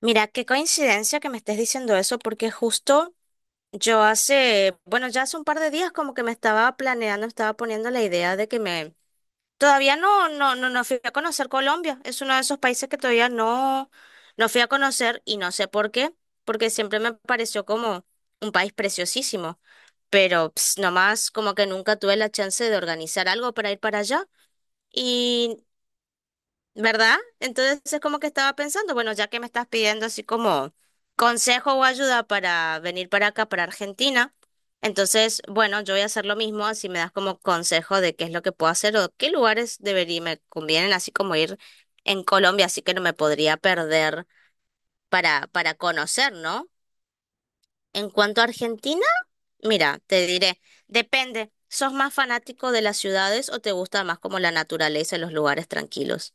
Mira, qué coincidencia que me estés diciendo eso, porque justo yo hace, bueno, ya hace un par de días como que me estaba planeando, estaba poniendo la idea de que me, todavía no fui a conocer Colombia, es uno de esos países que todavía no, no fui a conocer y no sé por qué, porque siempre me pareció como un país preciosísimo, pero ps, nomás como que nunca tuve la chance de organizar algo para ir para allá. Y ¿verdad? Entonces es como que estaba pensando, bueno, ya que me estás pidiendo así como consejo o ayuda para venir para acá, para Argentina, entonces, bueno, yo voy a hacer lo mismo, así me das como consejo de qué es lo que puedo hacer o qué lugares debería, me convienen, así como ir en Colombia, así que no me podría perder para conocer, ¿no? En cuanto a Argentina, mira, te diré, depende, ¿sos más fanático de las ciudades o te gusta más como la naturaleza y los lugares tranquilos?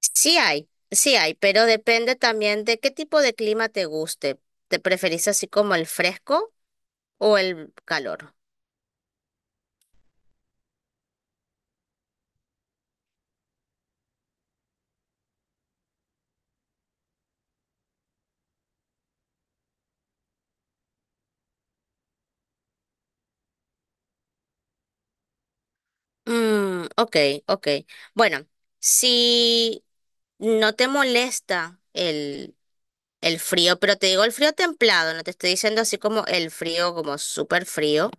Sí hay, pero depende también de qué tipo de clima te guste. ¿Te preferís así como el fresco o el calor? Mm, ok, ok. Bueno, si no te molesta el frío, pero te digo el frío templado, no te estoy diciendo así como el frío, como súper frío,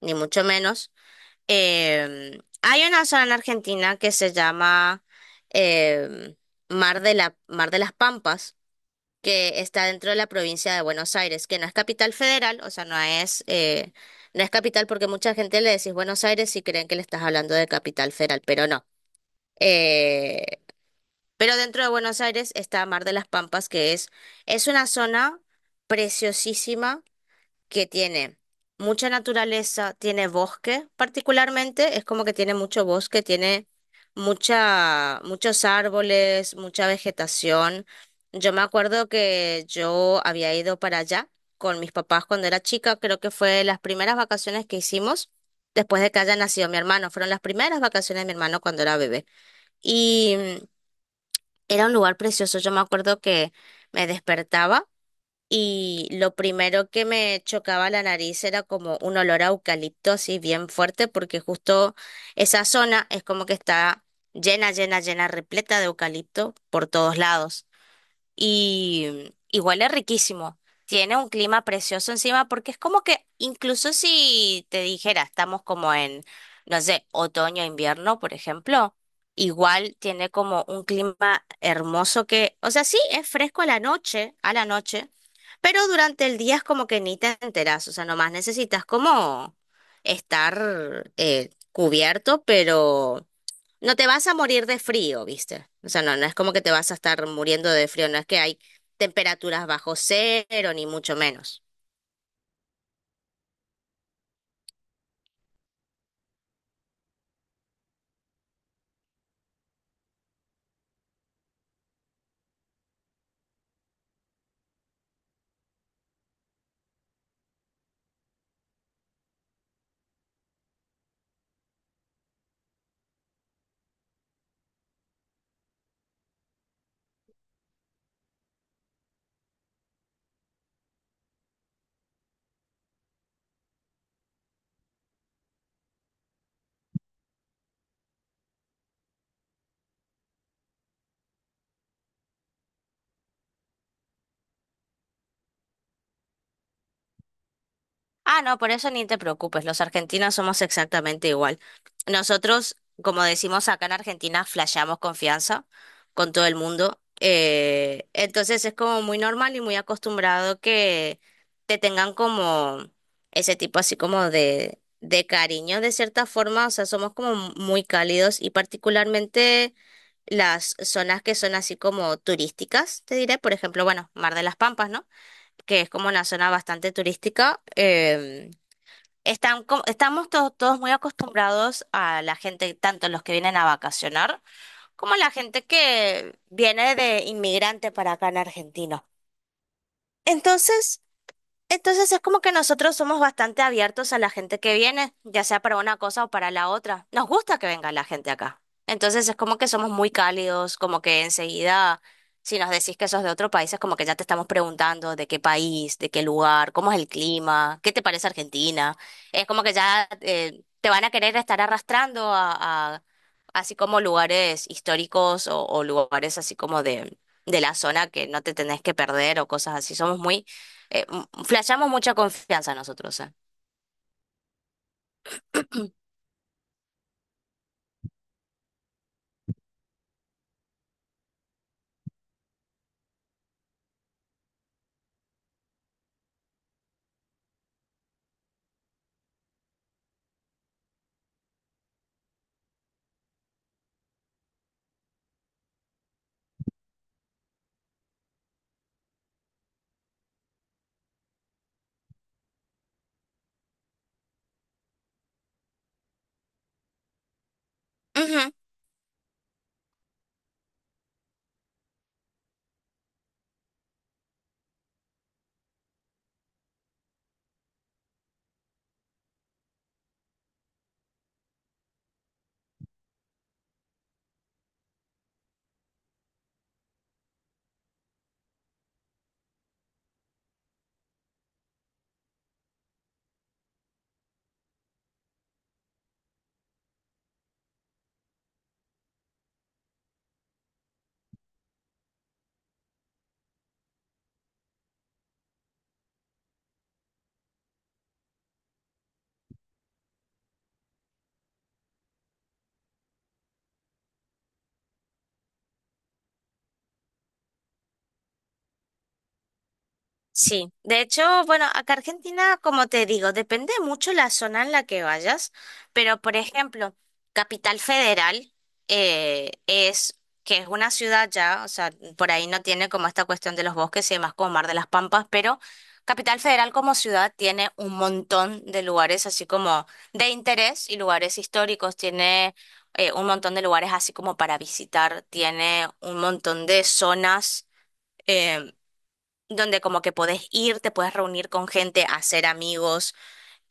ni mucho menos. Hay una zona en Argentina que se llama em, Mar de la, Mar de las Pampas que está dentro de la provincia de Buenos Aires, que no es capital federal, o sea, no es, no es capital porque mucha gente le decís Buenos Aires y creen que le estás hablando de capital federal, pero no. Eh, pero dentro de Buenos Aires está Mar de las Pampas, que es una zona preciosísima que tiene mucha naturaleza, tiene bosque particularmente, es como que tiene mucho bosque, tiene mucha, muchos árboles, mucha vegetación. Yo me acuerdo que yo había ido para allá con mis papás cuando era chica, creo que fue las primeras vacaciones que hicimos después de que haya nacido mi hermano, fueron las primeras vacaciones de mi hermano cuando era bebé. Y era un lugar precioso, yo me acuerdo que me despertaba. Y lo primero que me chocaba la nariz era como un olor a eucalipto así bien fuerte, porque justo esa zona es como que está llena, llena, llena, repleta de eucalipto por todos lados y huele riquísimo. Tiene un clima precioso encima porque es como que incluso si te dijera, estamos como en, no sé, otoño, invierno, por ejemplo, igual tiene como un clima hermoso que, o sea, sí, es fresco a la noche, pero durante el día es como que ni te enteras, o sea, nomás necesitas como estar cubierto, pero no te vas a morir de frío, ¿viste? O sea, no, no es como que te vas a estar muriendo de frío, no es que hay temperaturas bajo cero, ni mucho menos. Ah, no, por eso ni te preocupes, los argentinos somos exactamente igual. Nosotros, como decimos acá en Argentina, flasheamos confianza con todo el mundo. Entonces es como muy normal y muy acostumbrado que te tengan como ese tipo así como de cariño de cierta forma, o sea, somos como muy cálidos y particularmente las zonas que son así como turísticas, te diré, por ejemplo, bueno, Mar de las Pampas, ¿no? Que es como una zona bastante turística, están, estamos todos muy acostumbrados a la gente, tanto los que vienen a vacacionar como la gente que viene de inmigrante para acá en Argentina. Entonces, entonces, es como que nosotros somos bastante abiertos a la gente que viene, ya sea para una cosa o para la otra. Nos gusta que venga la gente acá. Entonces es como que somos muy cálidos, como que enseguida, si nos decís que sos de otro país, es como que ya te estamos preguntando de qué país, de qué lugar, cómo es el clima, qué te parece Argentina. Es como que ya te van a querer estar arrastrando así como lugares históricos o lugares así como de la zona que no te tenés que perder o cosas así. Somos muy flashamos mucha confianza nosotros, ¿eh? Ujú. Sí, de hecho, bueno, acá Argentina, como te digo, depende mucho la zona en la que vayas, pero por ejemplo, Capital Federal es que es una ciudad ya, o sea, por ahí no tiene como esta cuestión de los bosques y demás como Mar de las Pampas, pero Capital Federal como ciudad tiene un montón de lugares así como de interés y lugares históricos, tiene un montón de lugares así como para visitar, tiene un montón de zonas eh, donde como que podés ir, te puedes reunir con gente, hacer amigos,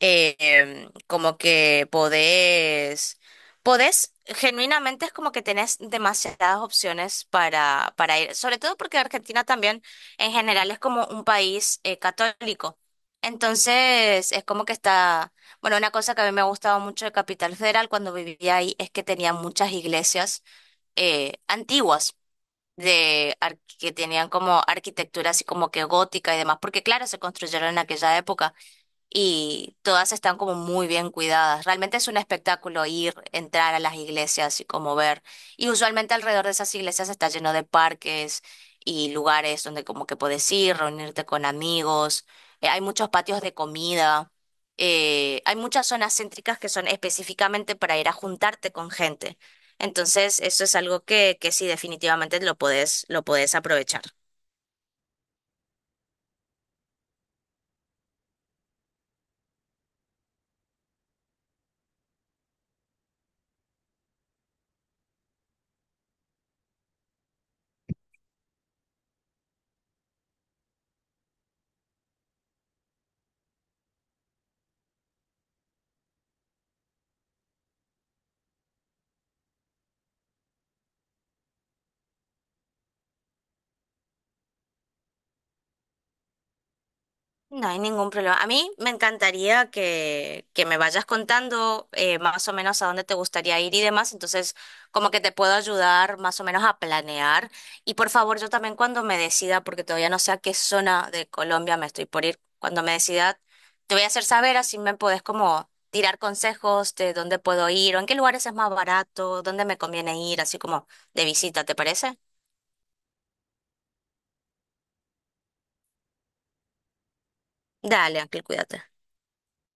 como que podés, genuinamente es como que tenés demasiadas opciones para ir, sobre todo porque Argentina también en general es como un país católico. Entonces es como que está, bueno, una cosa que a mí me ha gustado mucho de Capital Federal cuando vivía ahí es que tenía muchas iglesias antiguas que tenían como arquitectura así como que gótica y demás, porque claro, se construyeron en aquella época y todas están como muy bien cuidadas. Realmente es un espectáculo ir, entrar a las iglesias y como ver. Y usualmente alrededor de esas iglesias está lleno de parques y lugares donde como que puedes ir, reunirte con amigos. Hay muchos patios de comida. Hay muchas zonas céntricas que son específicamente para ir a juntarte con gente. Entonces, eso es algo que sí, definitivamente lo podés aprovechar. No hay ningún problema. A mí me encantaría que me vayas contando más o menos a dónde te gustaría ir y demás. Entonces, como que te puedo ayudar más o menos a planear. Y por favor, yo también cuando me decida, porque todavía no sé a qué zona de Colombia me estoy por ir, cuando me decida, te voy a hacer saber, así me podés como tirar consejos de dónde puedo ir o en qué lugares es más barato, dónde me conviene ir, así como de visita, ¿te parece? Dale, Ángel, cuídate.